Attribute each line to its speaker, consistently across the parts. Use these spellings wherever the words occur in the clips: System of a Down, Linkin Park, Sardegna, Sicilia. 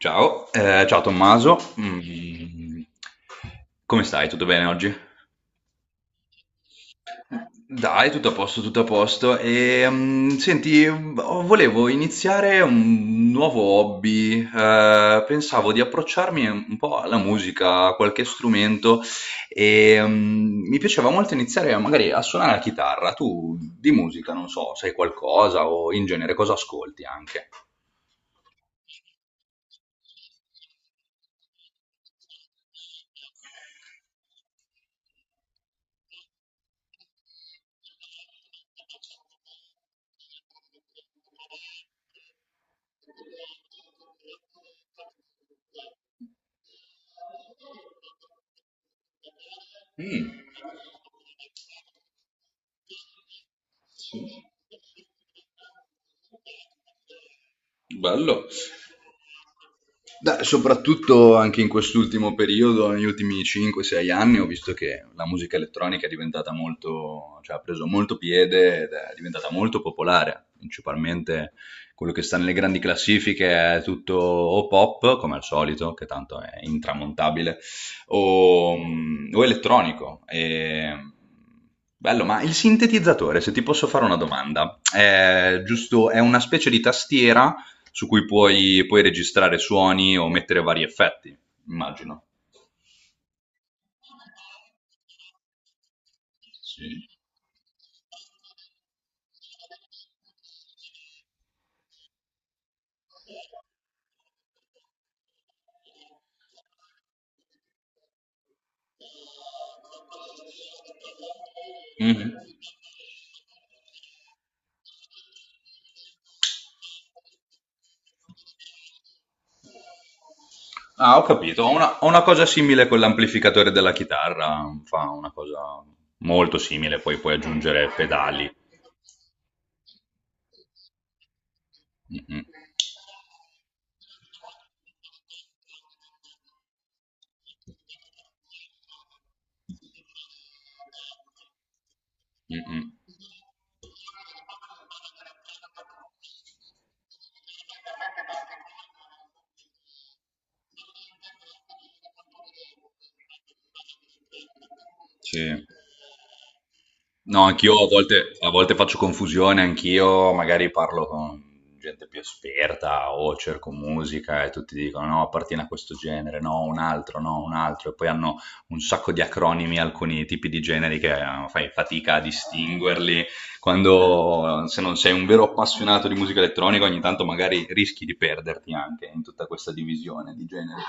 Speaker 1: Ciao, ciao Tommaso. Come stai? Tutto bene oggi? Dai, tutto a posto, tutto a posto. E, senti, oh, volevo iniziare un nuovo hobby. Pensavo di approcciarmi un po' alla musica, a qualche strumento e mi piaceva molto iniziare magari a suonare la chitarra. Tu di musica, non so, sai qualcosa o in genere cosa ascolti anche? Mm. Bello. Beh, soprattutto anche in quest'ultimo periodo, negli ultimi 5-6 anni, ho visto che la musica elettronica è diventata molto, cioè ha preso molto piede ed è diventata molto popolare. Principalmente quello che sta nelle grandi classifiche è tutto o pop, come al solito, che tanto è intramontabile, o elettronico. E. Bello, ma il sintetizzatore, se ti posso fare una domanda, è giusto? È una specie di tastiera su cui puoi registrare suoni o mettere vari effetti, immagino. Sì. Mhm. Ah, ho capito. Ho una cosa simile con l'amplificatore della chitarra. Fa una cosa molto simile, poi puoi aggiungere pedali. Mhm, mhm. Sì. No, anch'io a volte faccio confusione, anch'io magari parlo con gente più esperta o cerco musica e tutti dicono no, appartiene a questo genere, no, un altro, no, un altro, e poi hanno un sacco di acronimi, alcuni tipi di generi che fai fatica a distinguerli. Quando, se non sei un vero appassionato di musica elettronica, ogni tanto magari rischi di perderti anche in tutta questa divisione di generi.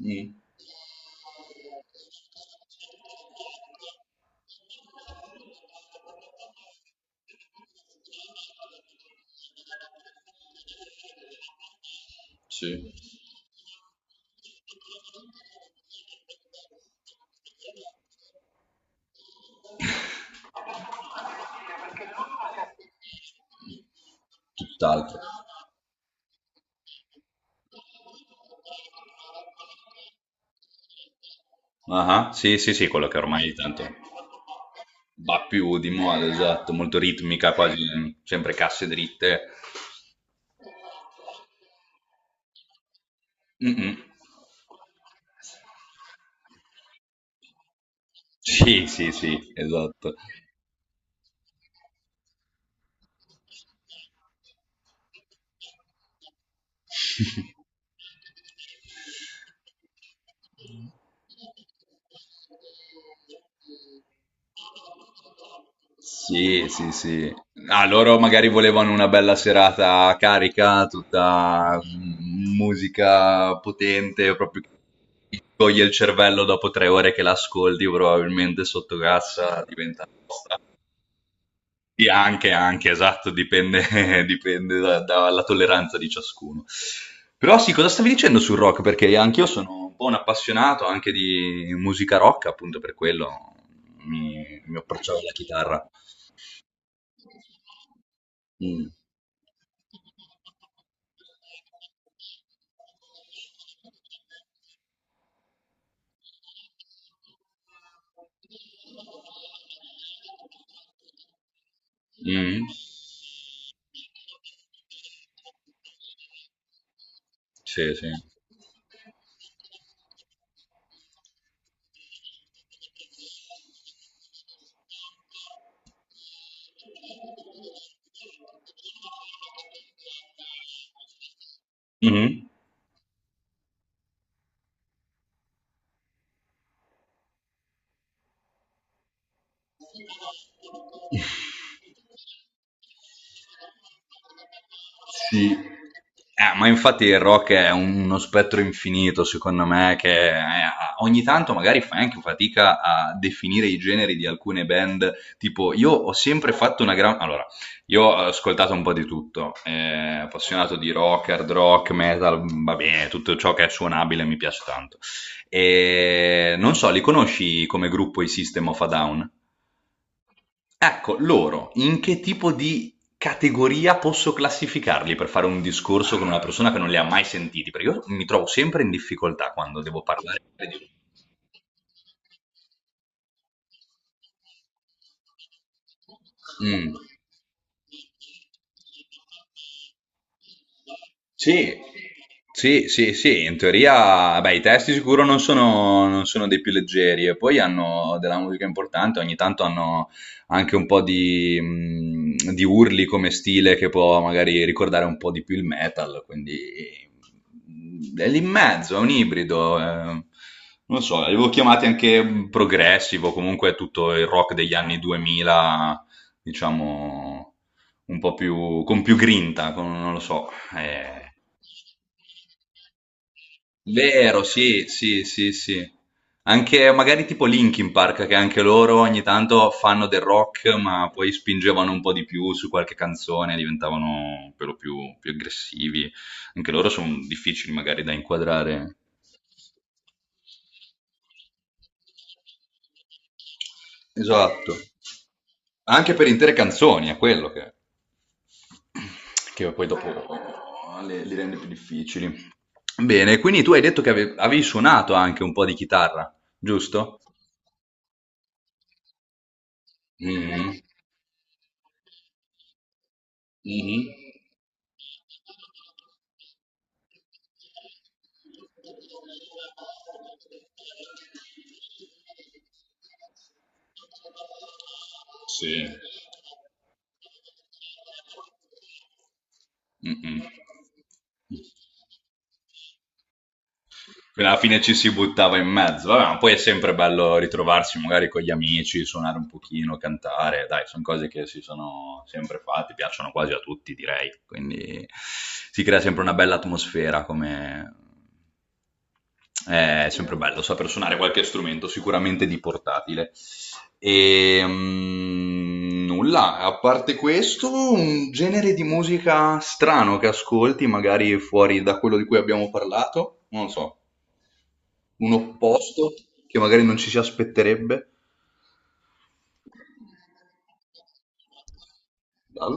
Speaker 1: Mm, sì, tutt'altro. Ah, sì, sì, sì, quello che ormai tanto. Va più di moda, esatto, molto ritmica, quasi sempre casse dritte. Mm-mm. Sì, sì, sì, esatto. Sì, sì, sì. Ah, loro magari volevano una bella serata carica, tutta musica potente, proprio che ti toglie il cervello dopo 3 ore che l'ascolti, probabilmente sotto cassa diventa. Sì, anche, esatto, dipende, dipende dalla tolleranza di ciascuno. Però sì, cosa stavi dicendo sul rock? Perché anch'io sono un po' un appassionato anche di musica rock, appunto per quello mi approcciavo alla chitarra. Mm. Mm. Sì, sì. Mm-hmm. Sì. Ma infatti il rock è uno spettro infinito, secondo me, che ogni tanto magari fai anche fatica a definire i generi di alcune band. Tipo, io ho sempre fatto una gran. Allora, io ho ascoltato un po' di tutto, appassionato di rock, hard rock, metal, va bene, tutto ciò che è suonabile mi piace tanto. E non so, li conosci come gruppo i System of a Down? Ecco, loro, in che tipo di categoria posso classificarli per fare un discorso con una persona che non li ha mai sentiti? Perché io mi trovo sempre in difficoltà quando devo parlare di. Mm. Sì, sì, sì, sì, in teoria, beh, i testi sicuro non sono dei più leggeri e poi hanno della musica importante, ogni tanto hanno anche un po' di urli come stile che può magari ricordare un po' di più il metal, quindi è lì in mezzo, è un ibrido, eh. Non lo so, li avevo chiamati anche progressivo, comunque tutto il rock degli anni 2000, diciamo, un po' più, con più grinta, non lo so. Eh, vero, sì, sì, sì, sì. Anche magari tipo Linkin Park, che anche loro ogni tanto fanno del rock, ma poi spingevano un po' di più su qualche canzone, diventavano per lo più, più aggressivi. Anche loro sono difficili magari da inquadrare. Esatto. Anche per intere canzoni, è quello che poi dopo li rende più difficili. Bene, quindi tu hai detto che avevi suonato anche un po' di chitarra, giusto? Mm. Mhm. Sì. Mh-mh. Quindi alla fine ci si buttava in mezzo. Vabbè, ma poi è sempre bello ritrovarsi magari con gli amici, suonare un pochino, cantare. Dai, sono cose che si sono sempre fatte, piacciono quasi a tutti, direi. Quindi si crea sempre una bella atmosfera come. È sempre bello saper suonare qualche strumento, sicuramente di portatile. E nulla, a parte questo, un genere di musica strano che ascolti, magari fuori da quello di cui abbiamo parlato, non lo so, un opposto che magari non ci si aspetterebbe dal.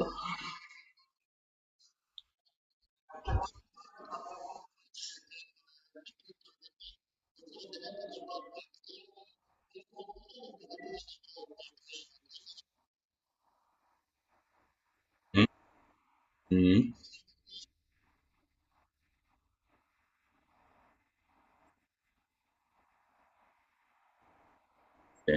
Speaker 1: Mm, sì.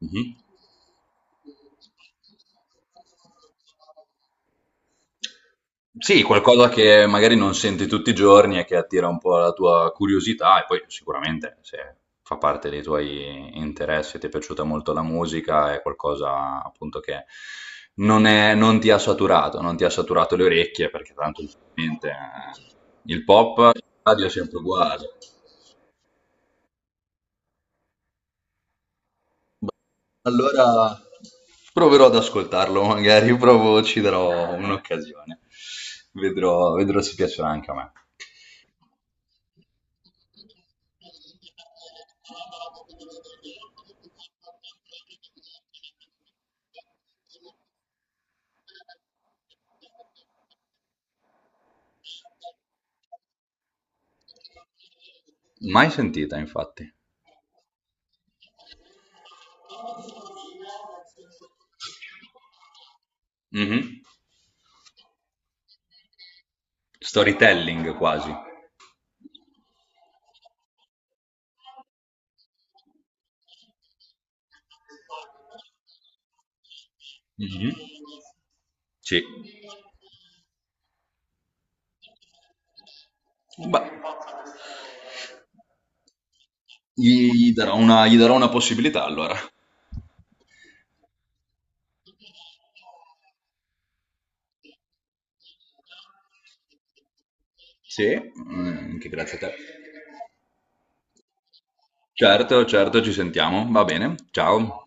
Speaker 1: Mhm. Sì, qualcosa che magari non senti tutti i giorni e che attira un po' la tua curiosità e poi sicuramente se fa parte dei tuoi interessi, ti è piaciuta molto la musica, è qualcosa appunto che non ti ha saturato le orecchie perché tanto ovviamente il pop in radio è sempre uguale. Allora proverò ad ascoltarlo, magari provo, ci darò un'occasione. Vedrò, vedrò se piacerà anche a me. Mai sentita, infatti. Mhm. Storytelling quasi. Mhm. Sì. Beh, gli darò una possibilità allora. Sì, anche grazie a te. Certo, certo, ci sentiamo. Va bene. Ciao.